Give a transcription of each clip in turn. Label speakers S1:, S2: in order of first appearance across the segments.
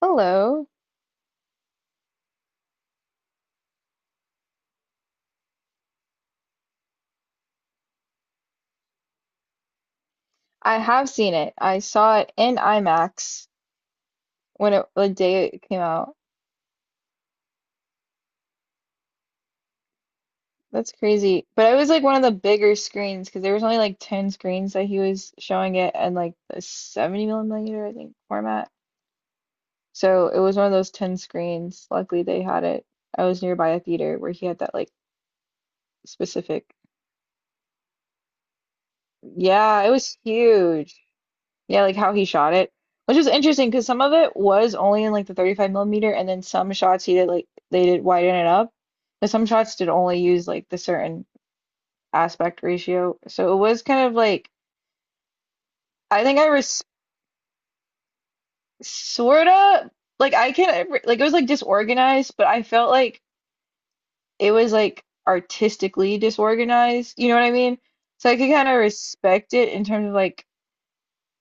S1: Hello. I have seen it. I saw it in IMAX when it the day it came out. That's crazy. But it was like one of the bigger screens because there was only like 10 screens that he was showing it and like the 70 millimeter, I think, format. So it was one of those 10 screens. Luckily they had it. I was nearby a theater where he had that like specific. Yeah, it was huge. Yeah, like how he shot it, which was interesting because some of it was only in like the 35 millimeter, and then some shots he did like they did widen it up, but some shots did only use like the certain aspect ratio. So it was kind of like I think I was sort of like I can like it was like disorganized, but I felt like it was like artistically disorganized. You know what I mean? So I could kind of respect it in terms of like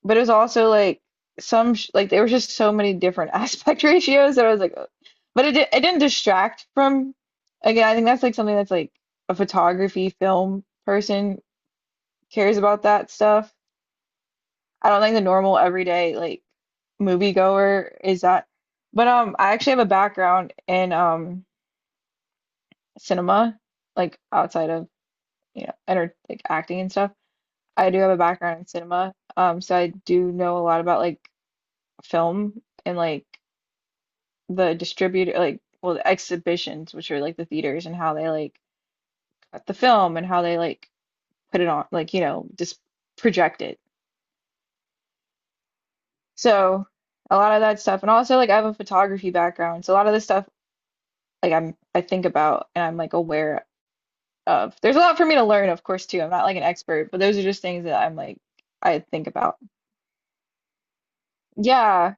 S1: but it was also like some sh like there was just so many different aspect ratios that I was like, "Ugh," but it didn't distract from. Again, I think that's like something that's like a photography film person cares about that stuff. I don't think the normal everyday like moviegoer is that. But I actually have a background in cinema, like outside of enter like acting and stuff. I do have a background in cinema, so I do know a lot about like film and like the distributor like well the exhibitions which are like the theaters and how they like cut the film and how they like put it on like just project it, so a lot of that stuff, and also like I have a photography background, so a lot of this stuff like I think about and I'm like aware of there's a lot for me to learn of course too. I'm not like an expert, but those are just things that I'm like I think about. yeah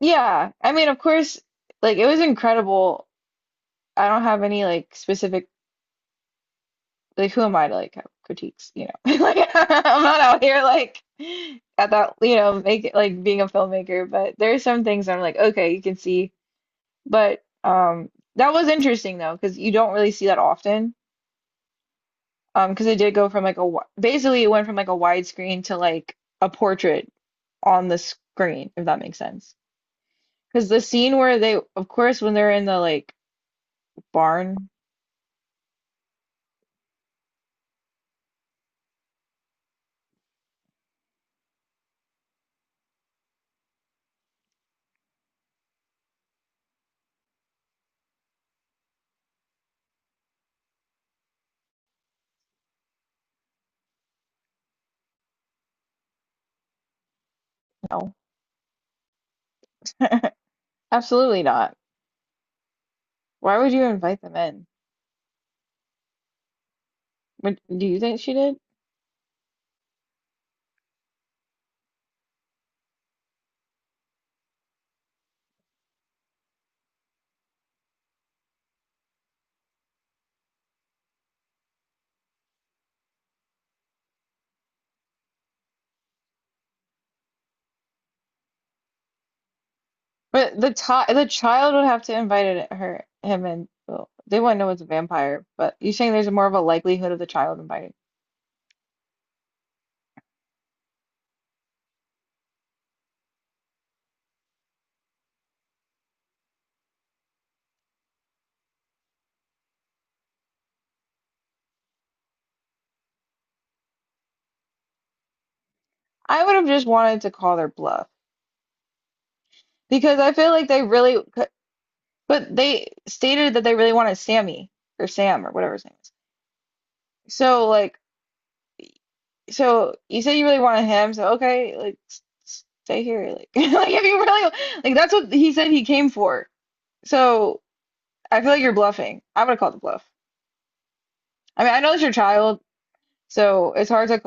S1: yeah I mean of course like it was incredible. I don't have any like specific like who am I to like have critiques, you know? Like I'm not out here like at that, you know, make it like being a filmmaker, but there are some things I'm like, okay, you can see. But that was interesting though, because you don't really see that often. Because it did go from like a basically it went from like a widescreen to like a portrait on the screen, if that makes sense. Because the scene where they, of course, when they're in the like barn, no, absolutely not. Why would you invite them in? Do you think she did? But the child would have to invite it, her, him, and well, they wouldn't know it's a vampire, but you're saying there's more of a likelihood of the child inviting. I would have just wanted to call their bluff because I feel like they really could, but they stated that they really wanted Sammy or Sam or whatever his name is. So like so you say you really wanted him, so okay, like stay here like like if you really like that's what he said he came for. So I feel like you're bluffing. I would have called the bluff. I mean, I know it's your child, so it's hard to.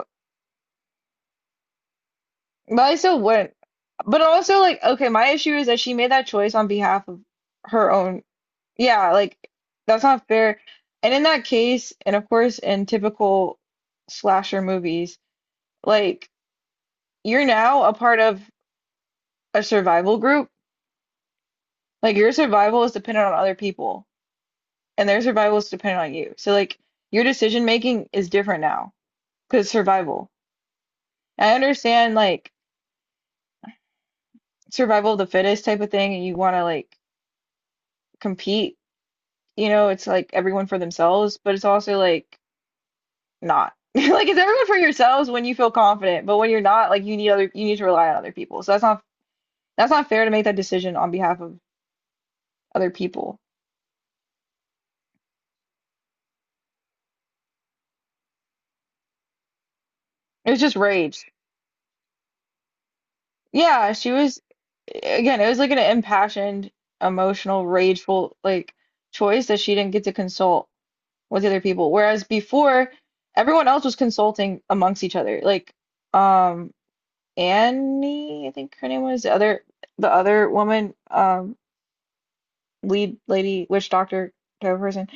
S1: But I still wouldn't. But also, like, okay, my issue is that she made that choice on behalf of her own. Yeah, like, that's not fair. And in that case, and of course, in typical slasher movies, like, you're now a part of a survival group. Like, your survival is dependent on other people, and their survival is dependent on you. So, like, your decision making is different now because survival. I understand, like, survival of the fittest type of thing, and you want to, like, compete, you know, it's like everyone for themselves, but it's also like not. Like it's everyone for yourselves when you feel confident, but when you're not, like you need to rely on other people. So that's not fair to make that decision on behalf of other people. It was just rage. Yeah, she was again, it was like an impassioned, emotional, rageful like choice that she didn't get to consult with the other people. Whereas before, everyone else was consulting amongst each other. Like um Annie, I think her name was, the other woman, lead lady, witch doctor type of person.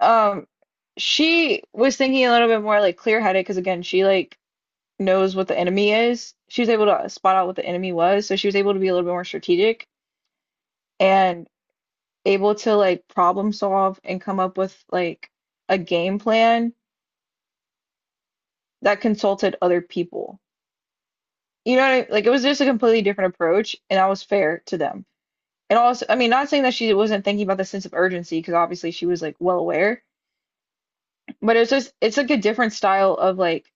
S1: Um, she was thinking a little bit more like clear-headed because again, she like knows what the enemy is. She was able to spot out what the enemy was, so she was able to be a little bit more strategic and able to like problem solve and come up with like a game plan that consulted other people. You know what I, like it was just a completely different approach, and that was fair to them. And also, I mean, not saying that she wasn't thinking about the sense of urgency, because obviously she was like well aware, but it's just, it's like a different style of like,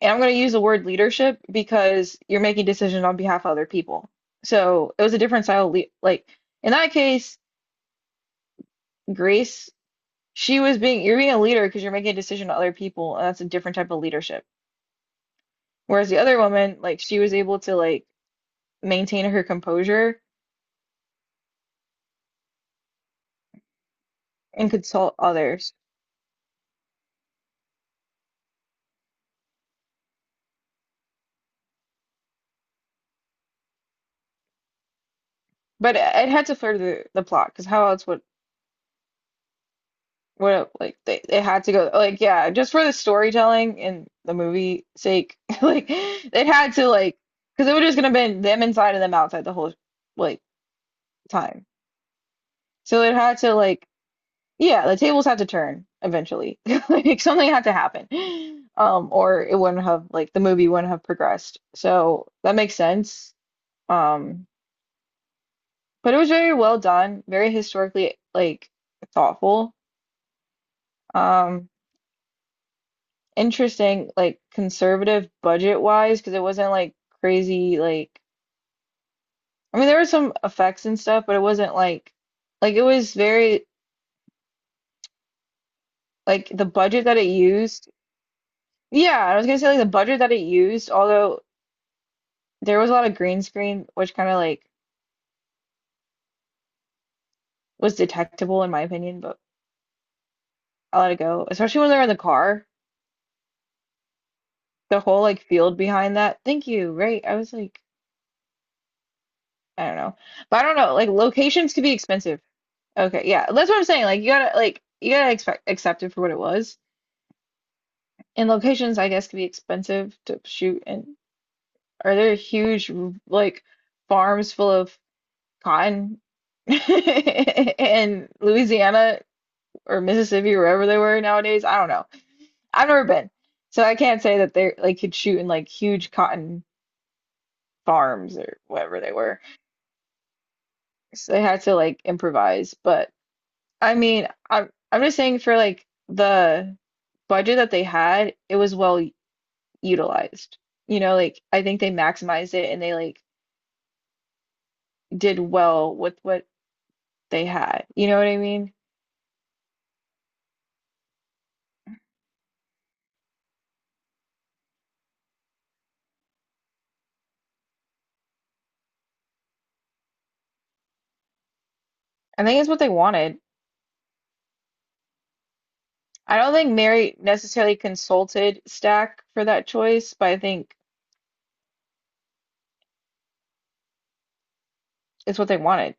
S1: and I'm going to use the word leadership because you're making decisions on behalf of other people. So it was a different style. Le Like in that case, Grace, she was being, you're being a leader because you're making a decision on other people, and that's a different type of leadership. Whereas the other woman, like she was able to like maintain her composure and consult others. But it had to further the plot, because how else would what like they had to go like yeah just for the storytelling and the movie sake like they had to like because it would just gonna been them inside and them outside the whole like time, so it had to like yeah the tables had to turn eventually like something had to happen. Or it wouldn't have like the movie wouldn't have progressed, so that makes sense. um but it was very well done, very historically like thoughtful. Um. Interesting, like conservative budget wise, because it wasn't like crazy, like I mean there were some effects and stuff, but it wasn't like it was very like the budget that it used. Yeah, I was gonna say like the budget that it used, although there was a lot of green screen, which kind of like was detectable in my opinion, but I let it go. Especially when they're in the car, the whole like field behind that. Thank you, right? I was like, I don't know, but I don't know. Like locations could be expensive. Okay, yeah, that's what I'm saying. Like you gotta expect accept it for what it was. And locations, I guess, could be expensive to shoot. And are there huge like farms full of cotton in Louisiana or Mississippi or wherever they were nowadays? I don't know. I've never been, so I can't say that they like could shoot in like huge cotton farms or whatever they were. So they had to like improvise, but. I mean, I'm just saying for like the budget that they had, it was well utilized. You know, like I think they maximized it, and they like did well with what they had. You know what I mean? I think it's what they wanted. I don't think Mary necessarily consulted Stack for that choice, but I think it's what they wanted.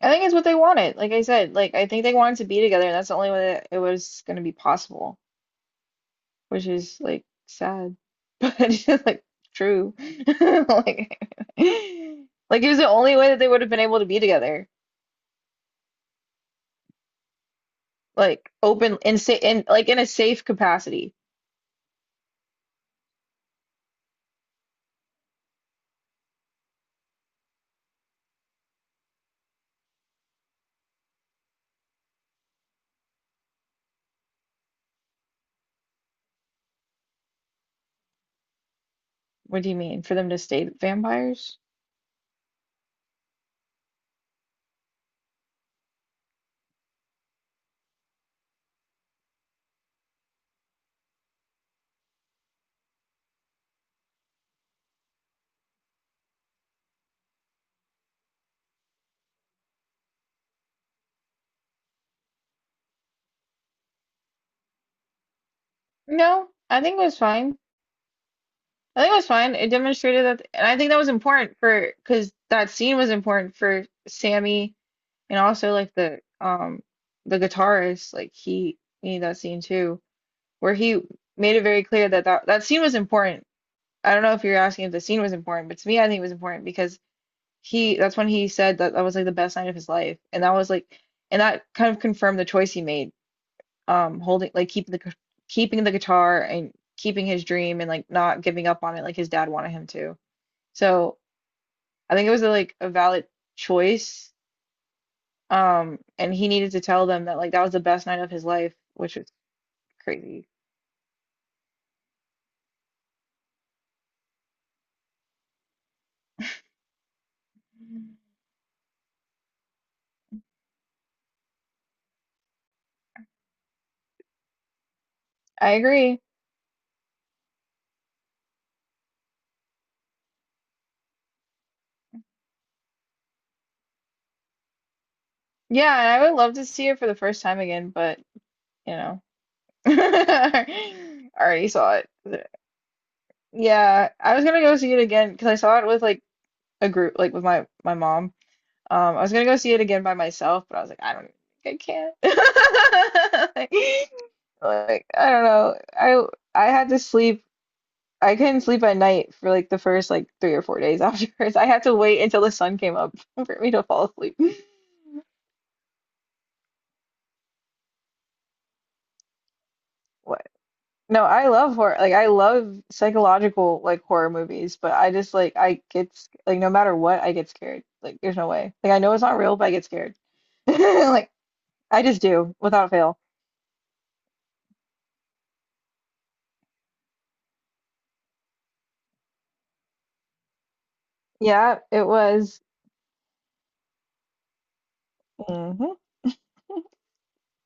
S1: I think it's what they wanted. Like I said, like I think they wanted to be together, and that's the only way that it was going to be possible. Which is like sad, but it's like true. Like, like it was the only way that they would have been able to be together, like open and sa in like in a safe capacity. What do you mean, for them to stay vampires? No, I think it was fine. I think it was fine. It demonstrated that, and I think that was important for because that scene was important for Sammy and also like the guitarist. Like he needed that scene too, where he made it very clear that that scene was important. I don't know if you're asking if the scene was important, but to me, I think it was important because that's when he said that that was like the best night of his life. And that was like, and that kind of confirmed the choice he made, holding, like keeping keeping the guitar and keeping his dream and like not giving up on it like his dad wanted him to. So I think it was like a valid choice. And he needed to tell them that like that was the best night of his life, which was crazy. I agree. Yeah, and I would love to see it for the first time again, but you know. I already saw it. Yeah, I was gonna go see it again because I saw it with like a group, like with my mom. I was gonna go see it again by myself, but I was like, I don't, I can't. Like, I don't know. I had to sleep. I couldn't sleep at night for like the first like 3 or 4 days afterwards. I had to wait until the sun came up for me to fall asleep. No, I love horror. Like I love psychological like horror movies, but I just like I get like no matter what, I get scared. Like there's no way. Like I know it's not real, but I get scared. Like I just do without fail. Yeah, it was. Mhm.